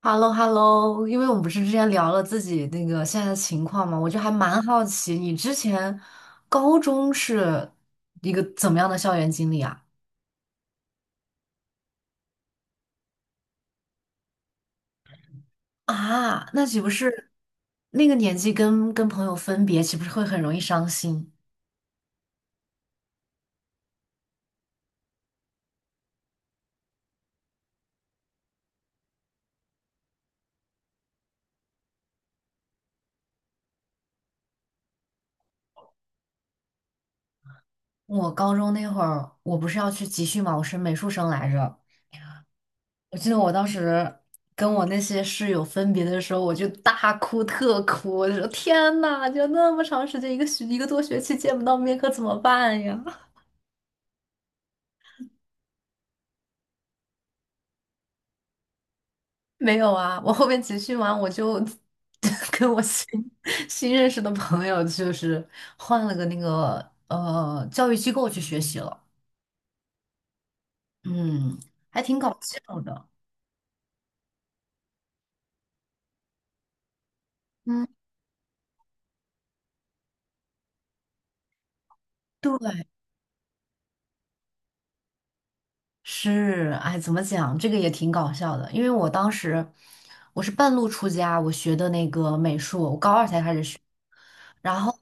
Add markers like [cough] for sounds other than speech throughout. h e l l o， h e l l o， 因为我们不是之前聊了自己那个现在的情况嘛，我就还蛮好奇你之前高中是一个怎么样的校园经历啊？啊，那岂不是那个年纪跟朋友分别，岂不是会很容易伤心？我高中那会儿，我不是要去集训嘛，我是美术生来着。我记得我当时跟我那些室友分别的时候，我就大哭特哭，我就说天呐，就那么长时间，一个多学期见不到面，可怎么办呀？没有啊，我后面集训完我就 [laughs] 跟我新认识的朋友，就是换了个那个教育机构去学习了，嗯，还挺搞笑的。嗯，对，是，哎，怎么讲，这个也挺搞笑的，因为我当时我是半路出家，我学的那个美术，我高二才开始学，然后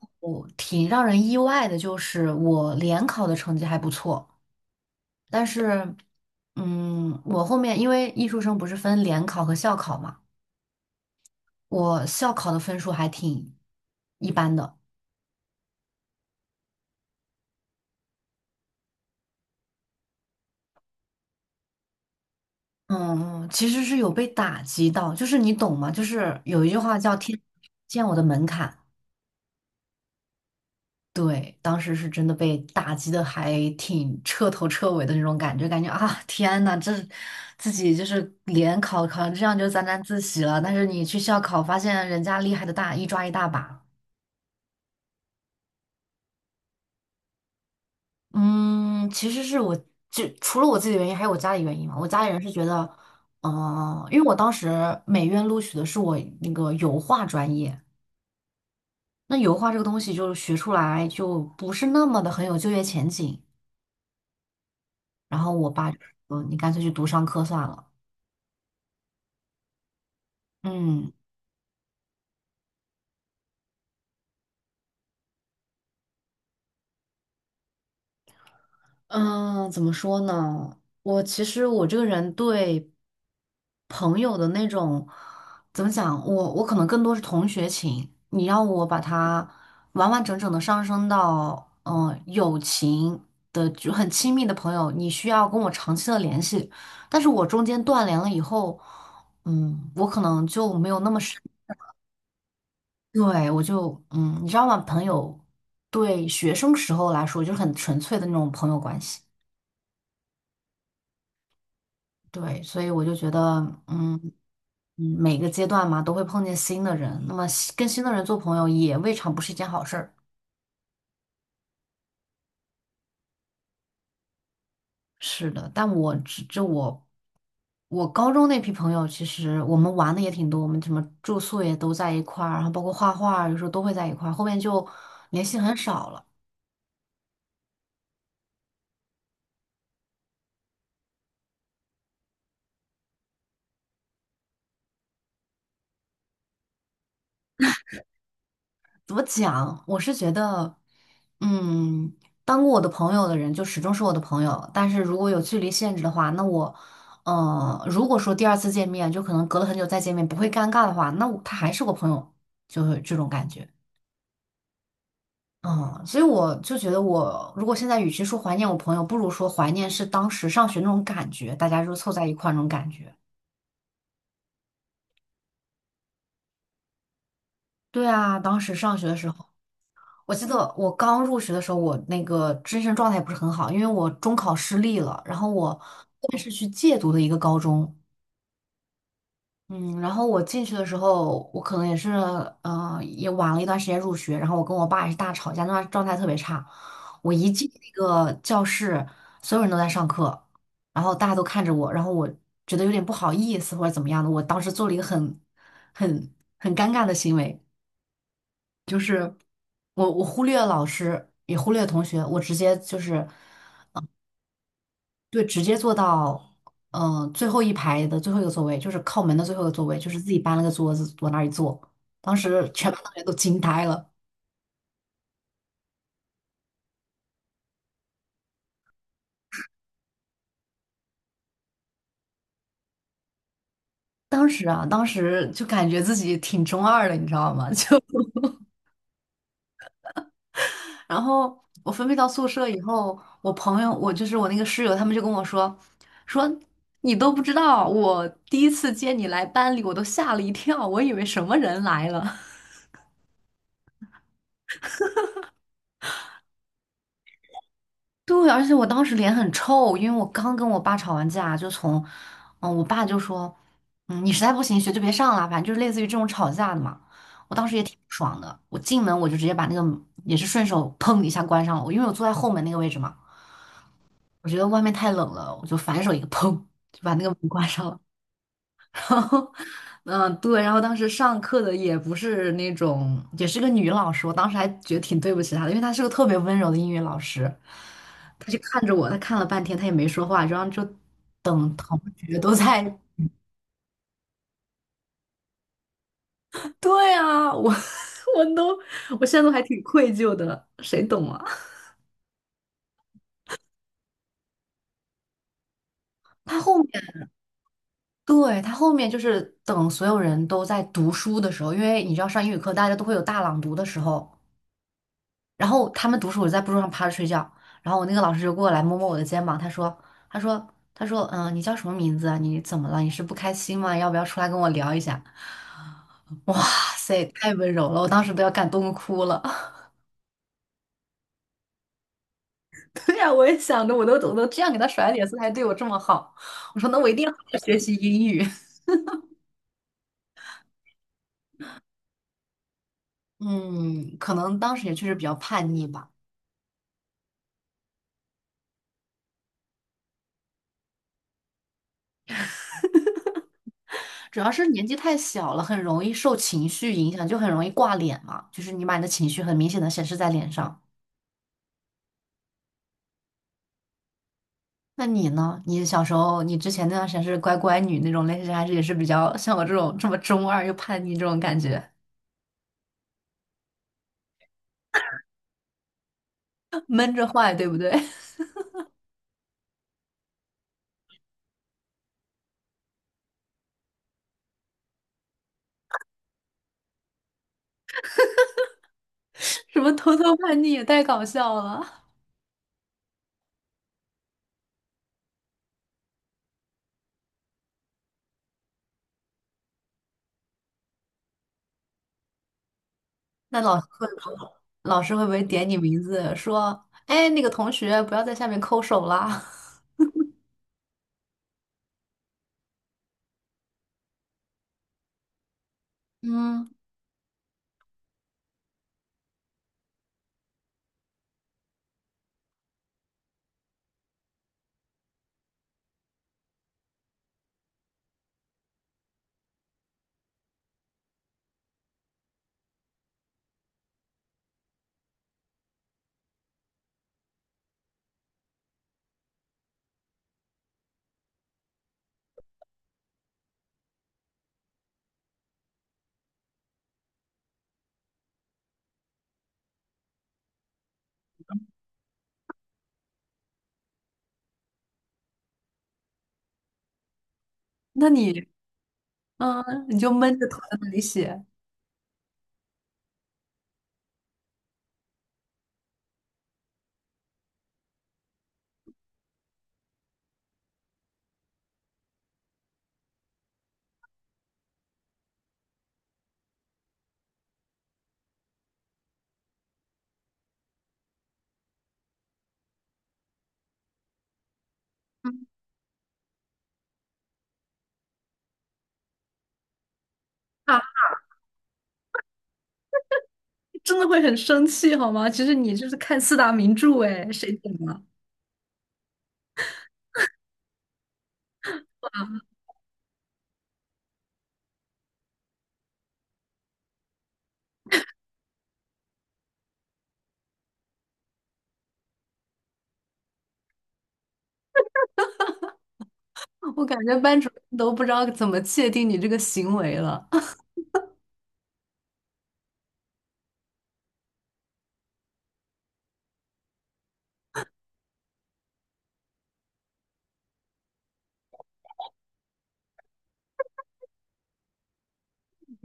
挺让人意外的，就是我联考的成绩还不错。但是，嗯，我后面因为艺术生不是分联考和校考嘛，我校考的分数还挺一般的。嗯，其实是有被打击到，就是你懂吗？就是有一句话叫“天见我的门槛”，对，当时是真的被打击的还挺彻头彻尾的那种感觉，感觉啊，天呐，这自己就是联考考成这样就沾沾自喜了，但是你去校考发现人家厉害的大一抓一大把。嗯，其实是我就除了我自己的原因，还有我家里原因嘛。我家里人是觉得，因为我当时美院录取的是我那个油画专业，那油画这个东西就是学出来就不是那么的很有就业前景。然后我爸就说，你干脆去读商科算了。嗯，嗯，怎么说呢？我其实我这个人对朋友的那种怎么讲，我可能更多是同学情。你让我把他完完整整的上升到友情的就很亲密的朋友，你需要跟我长期的联系。但是我中间断联了以后，嗯，我可能就没有那么深。对，我就你知道吗？朋友对学生时候来说就是很纯粹的那种朋友关系。对，所以我就觉得，嗯嗯，每个阶段嘛，都会碰见新的人，那么新跟新的人做朋友也未尝不是一件好事儿。是的，但我只这我我高中那批朋友，其实我们玩的也挺多，我们什么住宿也都在一块儿，然后包括画画，有时候都会在一块儿，后面就联系很少了。怎么讲？我是觉得，嗯，当过我的朋友的人就始终是我的朋友，但是如果有距离限制的话，如果说第二次见面就可能隔了很久再见面不会尴尬的话，那我他还是我朋友，就是这种感觉。嗯，所以我就觉得我，如果现在与其说怀念我朋友，不如说怀念是当时上学那种感觉，大家就凑在一块儿那种感觉。对啊，当时上学的时候。我记得我刚入学的时候，我那个精神状态不是很好，因为我中考失利了，然后我后面是去借读的一个高中，嗯，然后我进去的时候，我可能也是，也晚了一段时间入学，然后我跟我爸也是大吵架，那段状态特别差。我一进那个教室，所有人都在上课，然后大家都看着我，然后我觉得有点不好意思或者怎么样的，我当时做了一个很尴尬的行为。就是。我忽略了老师，也忽略了同学，我直接就是对，直接坐到最后一排的最后一个座位，就是靠门的最后一个座位，就是自己搬了个桌子往那儿一坐。当时全班同学都惊呆了。当时啊，当时就感觉自己挺中二的，你知道吗？[laughs] 就然后我分配到宿舍以后，我朋友，我就是我那个室友，他们就跟我说,你都不知道，我第一次接你来班里，我都吓了一跳，我以为什么人来了。对，而且我当时脸很臭，因为我刚跟我爸吵完架，就从，嗯，我爸就说，嗯，你实在不行学就别上了，反正就是类似于这种吵架的嘛。我当时也挺不爽的，我进门我就直接把那个也是顺手砰一下关上了，我因为我坐在后门那个位置嘛，我觉得外面太冷了，我就反手一个砰就把那个门关上了。[laughs] 然后，嗯，对，然后当时上课的也不是那种，也是个女老师，我当时还觉得挺对不起她的，因为她是个特别温柔的英语老师，她就看着我，她看了半天，她也没说话，然后就等同学都在，[laughs] 对啊，我 [laughs] 我都，我现在都还挺愧疚的，谁懂啊？他后面，对，他后面就是等所有人都在读书的时候，因为你知道上英语课大家都会有大朗读的时候。然后他们读书，我在桌上趴着睡觉，然后我那个老师就过来摸摸我的肩膀，他说，他说,你叫什么名字啊？你怎么了？你是不开心吗？要不要出来跟我聊一下？[laughs] 哇塞，太温柔了，我当时都要感动哭了。[laughs] 对呀、我也想着，我都这样给他甩脸色，他还对我这么好，我说那我一定要好好学习英语。[laughs] 嗯，可能当时也确实比较叛逆吧，主要是年纪太小了，很容易受情绪影响，就很容易挂脸嘛，就是你把你的情绪很明显的显示在脸上。那你呢？你小时候，你之前那段时间是乖乖女那种类型，还是也是比较像我这种这么中二又叛逆这种感觉，[laughs] 闷着坏，对不对？[laughs] 什么偷偷叛逆也太搞笑了。那老师会不会，老师会不会点你名字说，哎，那个同学不要在下面抠手啦？[laughs] 嗯，那你，嗯，你就闷着头在那里写啊，真的会很生气好吗？其实你就是看四大名著，哎，谁懂啊？我感觉班主任都不知道怎么界定你这个行为了。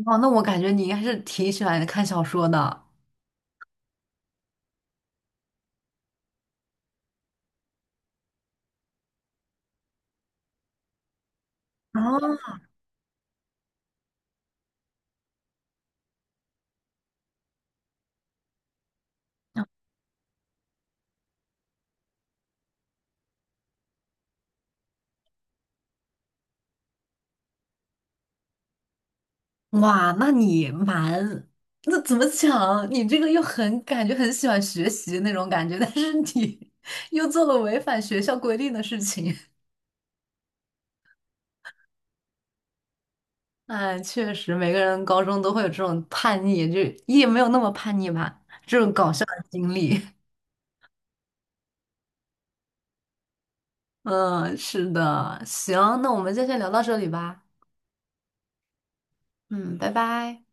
哦，那我感觉你应该是挺喜欢看小说的。啊，哇，那怎么讲？你这个又很感觉很喜欢学习那种感觉，[laughs] 但是你 [laughs] 又做了违反学校规定的事情。哎，确实，每个人高中都会有这种叛逆，就也没有那么叛逆吧，这种搞笑的经历。[laughs] 嗯，是的，行，那我们就先聊到这里吧。嗯，拜拜。